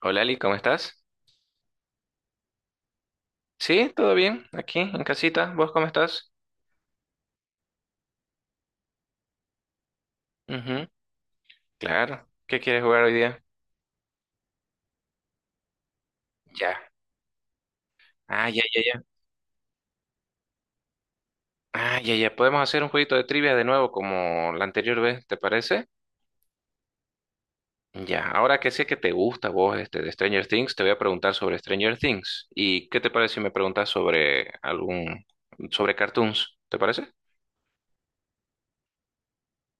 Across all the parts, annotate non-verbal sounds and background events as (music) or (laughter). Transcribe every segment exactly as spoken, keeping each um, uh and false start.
Hola Ali, ¿cómo estás? Sí, todo bien, aquí en casita. ¿Vos cómo estás? Ujú, claro. ¿Qué quieres jugar hoy día? Ya. Ah, ya, ya, ya. Ah, ya, ya. Podemos hacer un jueguito de trivia de nuevo como la anterior vez, ¿te parece? Ya. Ahora que sé que te gusta vos este de Stranger Things, te voy a preguntar sobre Stranger Things. ¿Y qué te parece si me preguntas sobre algún, sobre cartoons? ¿Te parece?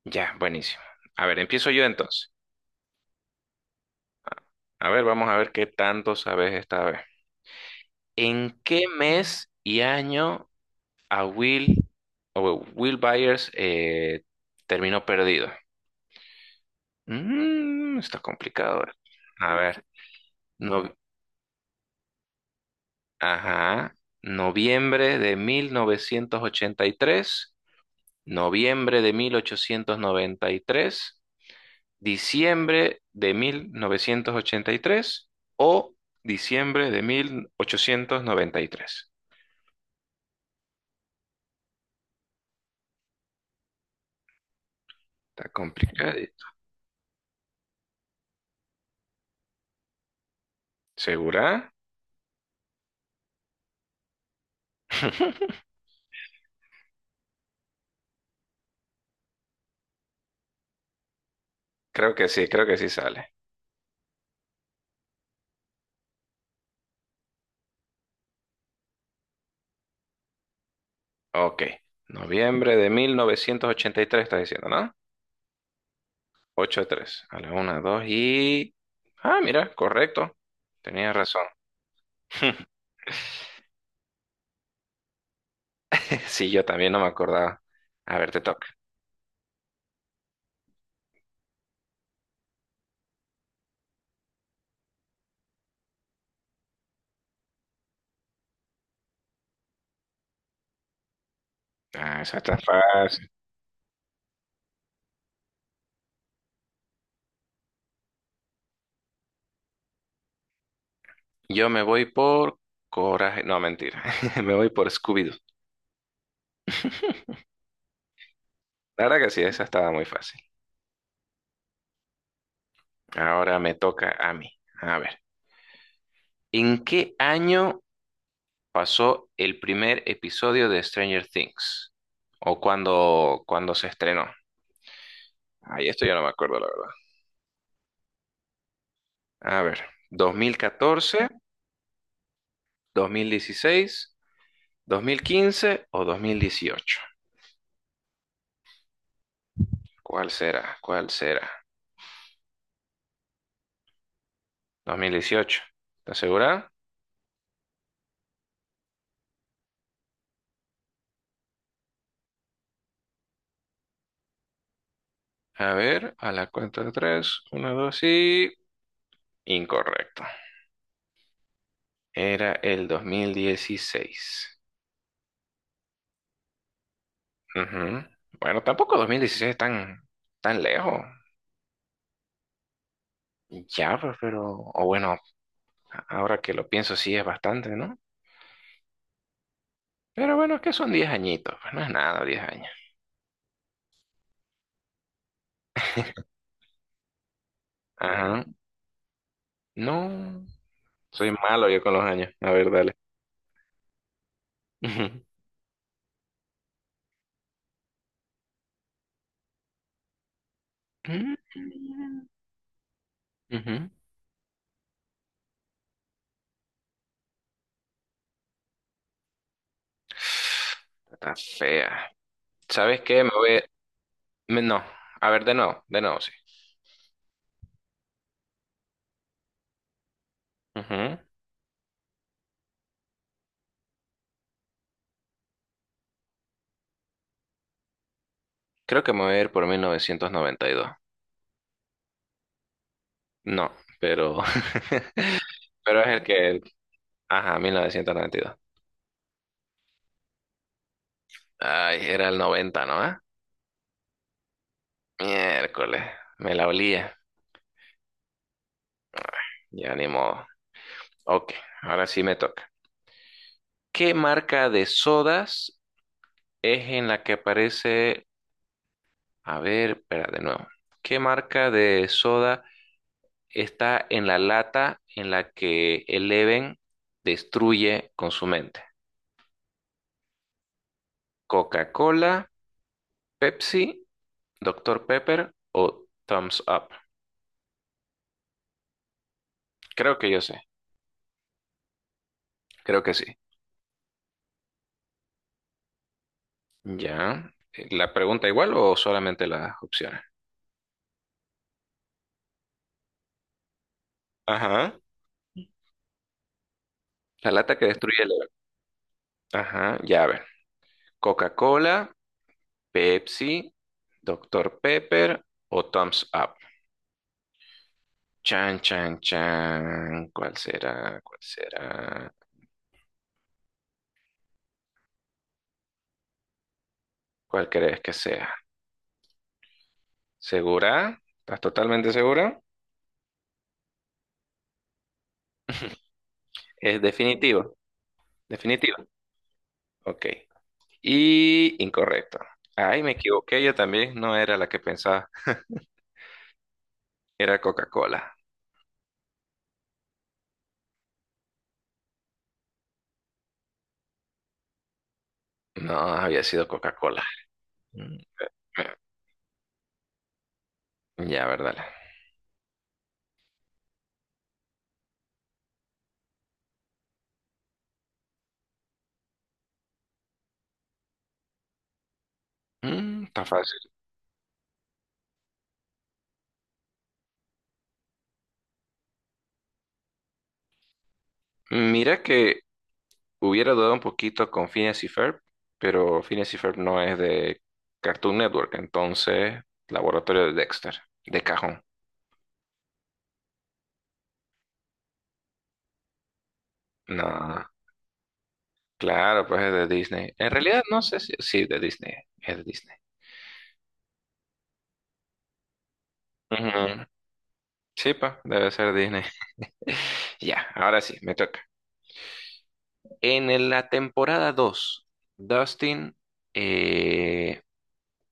Ya, buenísimo. A ver, empiezo yo entonces. A a ver, vamos a ver qué tanto sabes esta vez. ¿En qué mes y año a Will, o Will Byers eh, terminó perdido? Mm, está complicado. eh. A ver, no, ajá, noviembre de mil novecientos ochenta y tres, noviembre de mil ochocientos noventa y tres, diciembre de mil novecientos ochenta y tres o diciembre de mil ochocientos noventa y tres. Está complicado. ¿Segura? (laughs) Creo que sí, creo que sí sale. Ok. Noviembre de mil novecientos ochenta y tres, estás diciendo, ¿no? Ocho tres. A la una, dos y... Ah, mira, correcto. Tenías razón. (laughs) Sí, yo también no me acordaba. A ver, te toca. Ah, esa está fácil. Yo me voy por coraje. No, mentira. (laughs) Me voy por Scooby-Doo. La verdad que sí, esa estaba muy fácil. Ahora me toca a mí. A ver. ¿En qué año pasó el primer episodio de Stranger Things? O cuando, cuando se estrenó. Ay, esto ya no me acuerdo, la verdad. A ver, dos dos mil mil catorce, dos mil dieciséis, dos mil quince o dos mil dieciocho. ¿Cuál será? ¿Cuál será? Dos mil dieciocho. ¿Estás segura? A ver, a la cuenta de tres, uno, dos y... Incorrecto. Era el dos mil dieciséis. Ujú. Bueno, tampoco dos mil dieciséis es tan, tan lejos. Ya, pues, pero, o bueno, ahora que lo pienso, sí es bastante, ¿no? Pero bueno, es que son diez añitos, pues no es nada, diez años. Ajá. No, soy malo yo con los años. A ver, dale. Ujú. Mm. Ujú. Está fea. ¿Sabes qué? Me voy. Me- no, a ver, de nuevo, de nuevo, sí. Ujú. Creo que me voy a ir por mil novecientos noventa y dos. No, pero. (laughs) Pero es el que. Ajá, mil novecientos noventa y dos. Ay, era el noventa, ¿no? Miércoles, me la olía. Ya ni modo. Ok, ahora sí me toca. ¿Qué marca de sodas es en la que aparece? A ver, espera de nuevo. ¿Qué marca de soda está en la lata en la que Eleven destruye con su mente? ¿Coca-Cola, Pepsi, Doctor Pepper o Thumbs Up? Creo que yo sé, creo que sí. Ya. eh, ¿La pregunta igual o solamente las opciones? Ajá. La lata que destruye Eleven. Ajá, ya a ver. Coca-Cola, Pepsi, Doctor Pepper o Thumbs Up. Chan, chan, chan. ¿Cuál será? ¿Cuál será? ¿Cuál crees que sea? ¿Segura? ¿Estás totalmente segura? Es definitivo. Definitivo. Ok. Y incorrecto. Ay, me equivoqué. Yo también no era la que pensaba. Era Coca-Cola. No, había sido Coca-Cola. Mm, eh, Ya, verdad. Mm, está fácil. Mira que hubiera dudado un poquito con Phineas y Ferb, pero Phineas y Ferb no es de Cartoon Network, entonces Laboratorio de Dexter, de cajón. No, claro, pues es de Disney. En realidad no sé si... Sí, de Disney, es de Disney. Ujú. Sí, pa, debe ser Disney. (laughs) Ya, ahora sí, me toca. En el- la temporada dos, Dustin eh,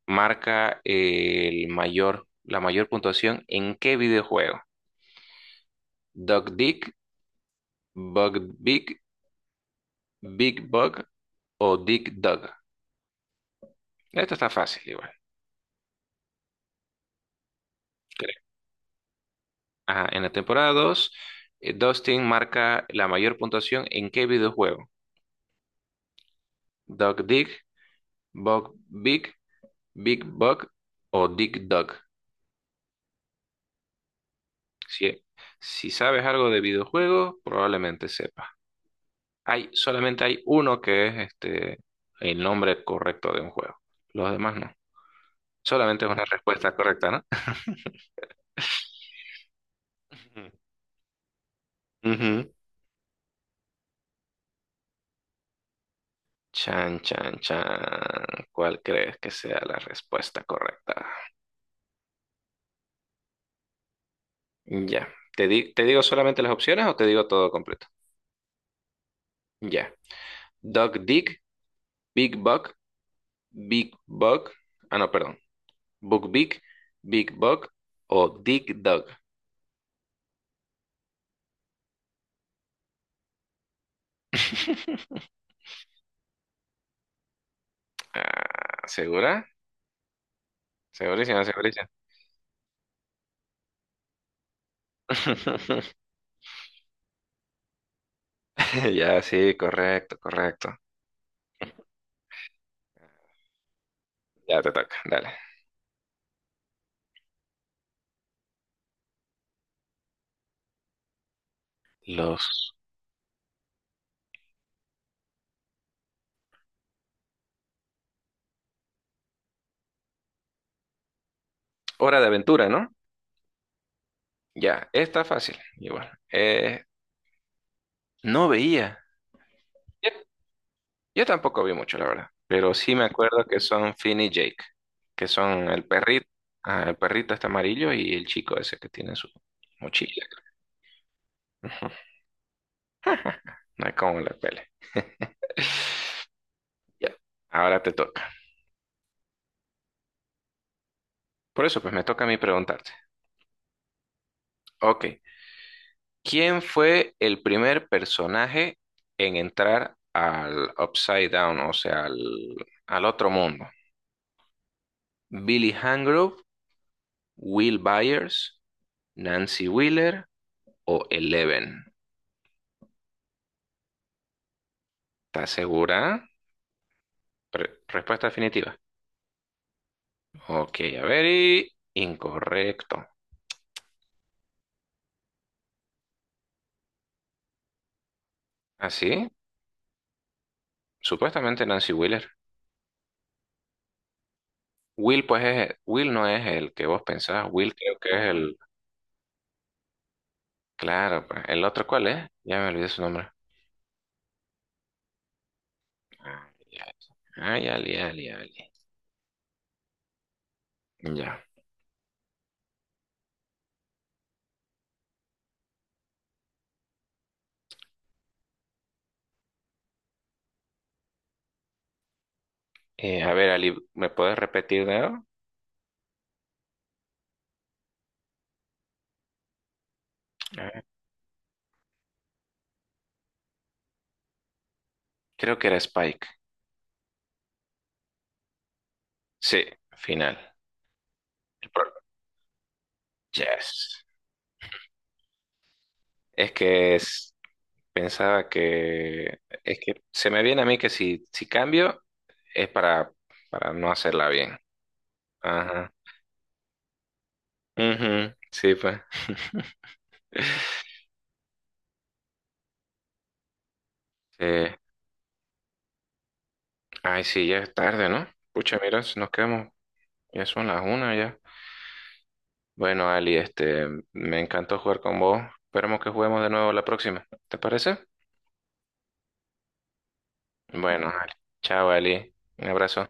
marca el mayor, la mayor puntuación en qué videojuego? Duck Dick, Bug Big Bug o dig Dug. Esto está fácil igual, creo. Ajá, en la temporada dos, eh, Dustin marca la mayor puntuación en qué videojuego? Dog dig, Bug Big, Big Bug o dig Dug. Si, si sabes algo de videojuegos, probablemente sepas. Hay, solamente hay uno que es este, el nombre correcto de un juego. Los demás no. Solamente es una respuesta correcta, ¿no? (laughs) Ujú. Chan, chan, chan. ¿Cuál crees que sea la respuesta correcta? Ya. ¿Te di- te digo solamente las opciones o te digo todo completo? Ya. Dog Dick, Big Buck, Big Bug. Ah, no, perdón. Book Big, Big Bug o Dick Dog. (laughs) Ah, ¿segura? Segurísima, segurísima. (laughs) Ya, sí, correcto, correcto. Ya te toca, dale. Los... Hora de aventura, ¿no? Ya, está fácil. Igual. Eh, No veía. Yo, yo tampoco vi mucho, la verdad. Pero sí me acuerdo que son Finn y Jake, que son el perrito, ah, el perrito está amarillo y el chico ese que tiene su mochila. (laughs) Ujú, no hay como la pele. (laughs) Ya, ahora te toca. Por eso, pues me toca a mí preguntarte. Ok, ¿quién fue el primer personaje en entrar al Upside Down, o sea, al, al otro mundo? Billy Hangrove, Will Byers, Nancy Wheeler, o Eleven. ¿Estás segura? Re- respuesta definitiva. Ok, a ver, y incorrecto. ¿Así? Supuestamente Nancy Wheeler. Will, pues, es, Will no es el que vos pensás. Will creo que es el... Claro, pues. ¿El otro cuál es? Ya me olvidé su nombre. Ay, ay, Ali, Ali, Ali. Ya. Eh, a ver, Ali, ¿me puedes repetir de nuevo? Ah, creo que era Spike. Sí, final. El pro- Yes. Es que es... Pensaba que es que se me viene a mí que si, si cambio es para, para no hacerla bien. Ajá. Ujú, sí, pues. (laughs) Eh, ay, sí, ya es tarde, ¿no? Pucha, mira, si nos quedamos, ya son las una ya. Bueno, Ali, este, me encantó jugar con vos. Esperemos que juguemos de nuevo la próxima. ¿Te parece? Bueno, (laughs) Ali. Chao, Ali. Un abrazo.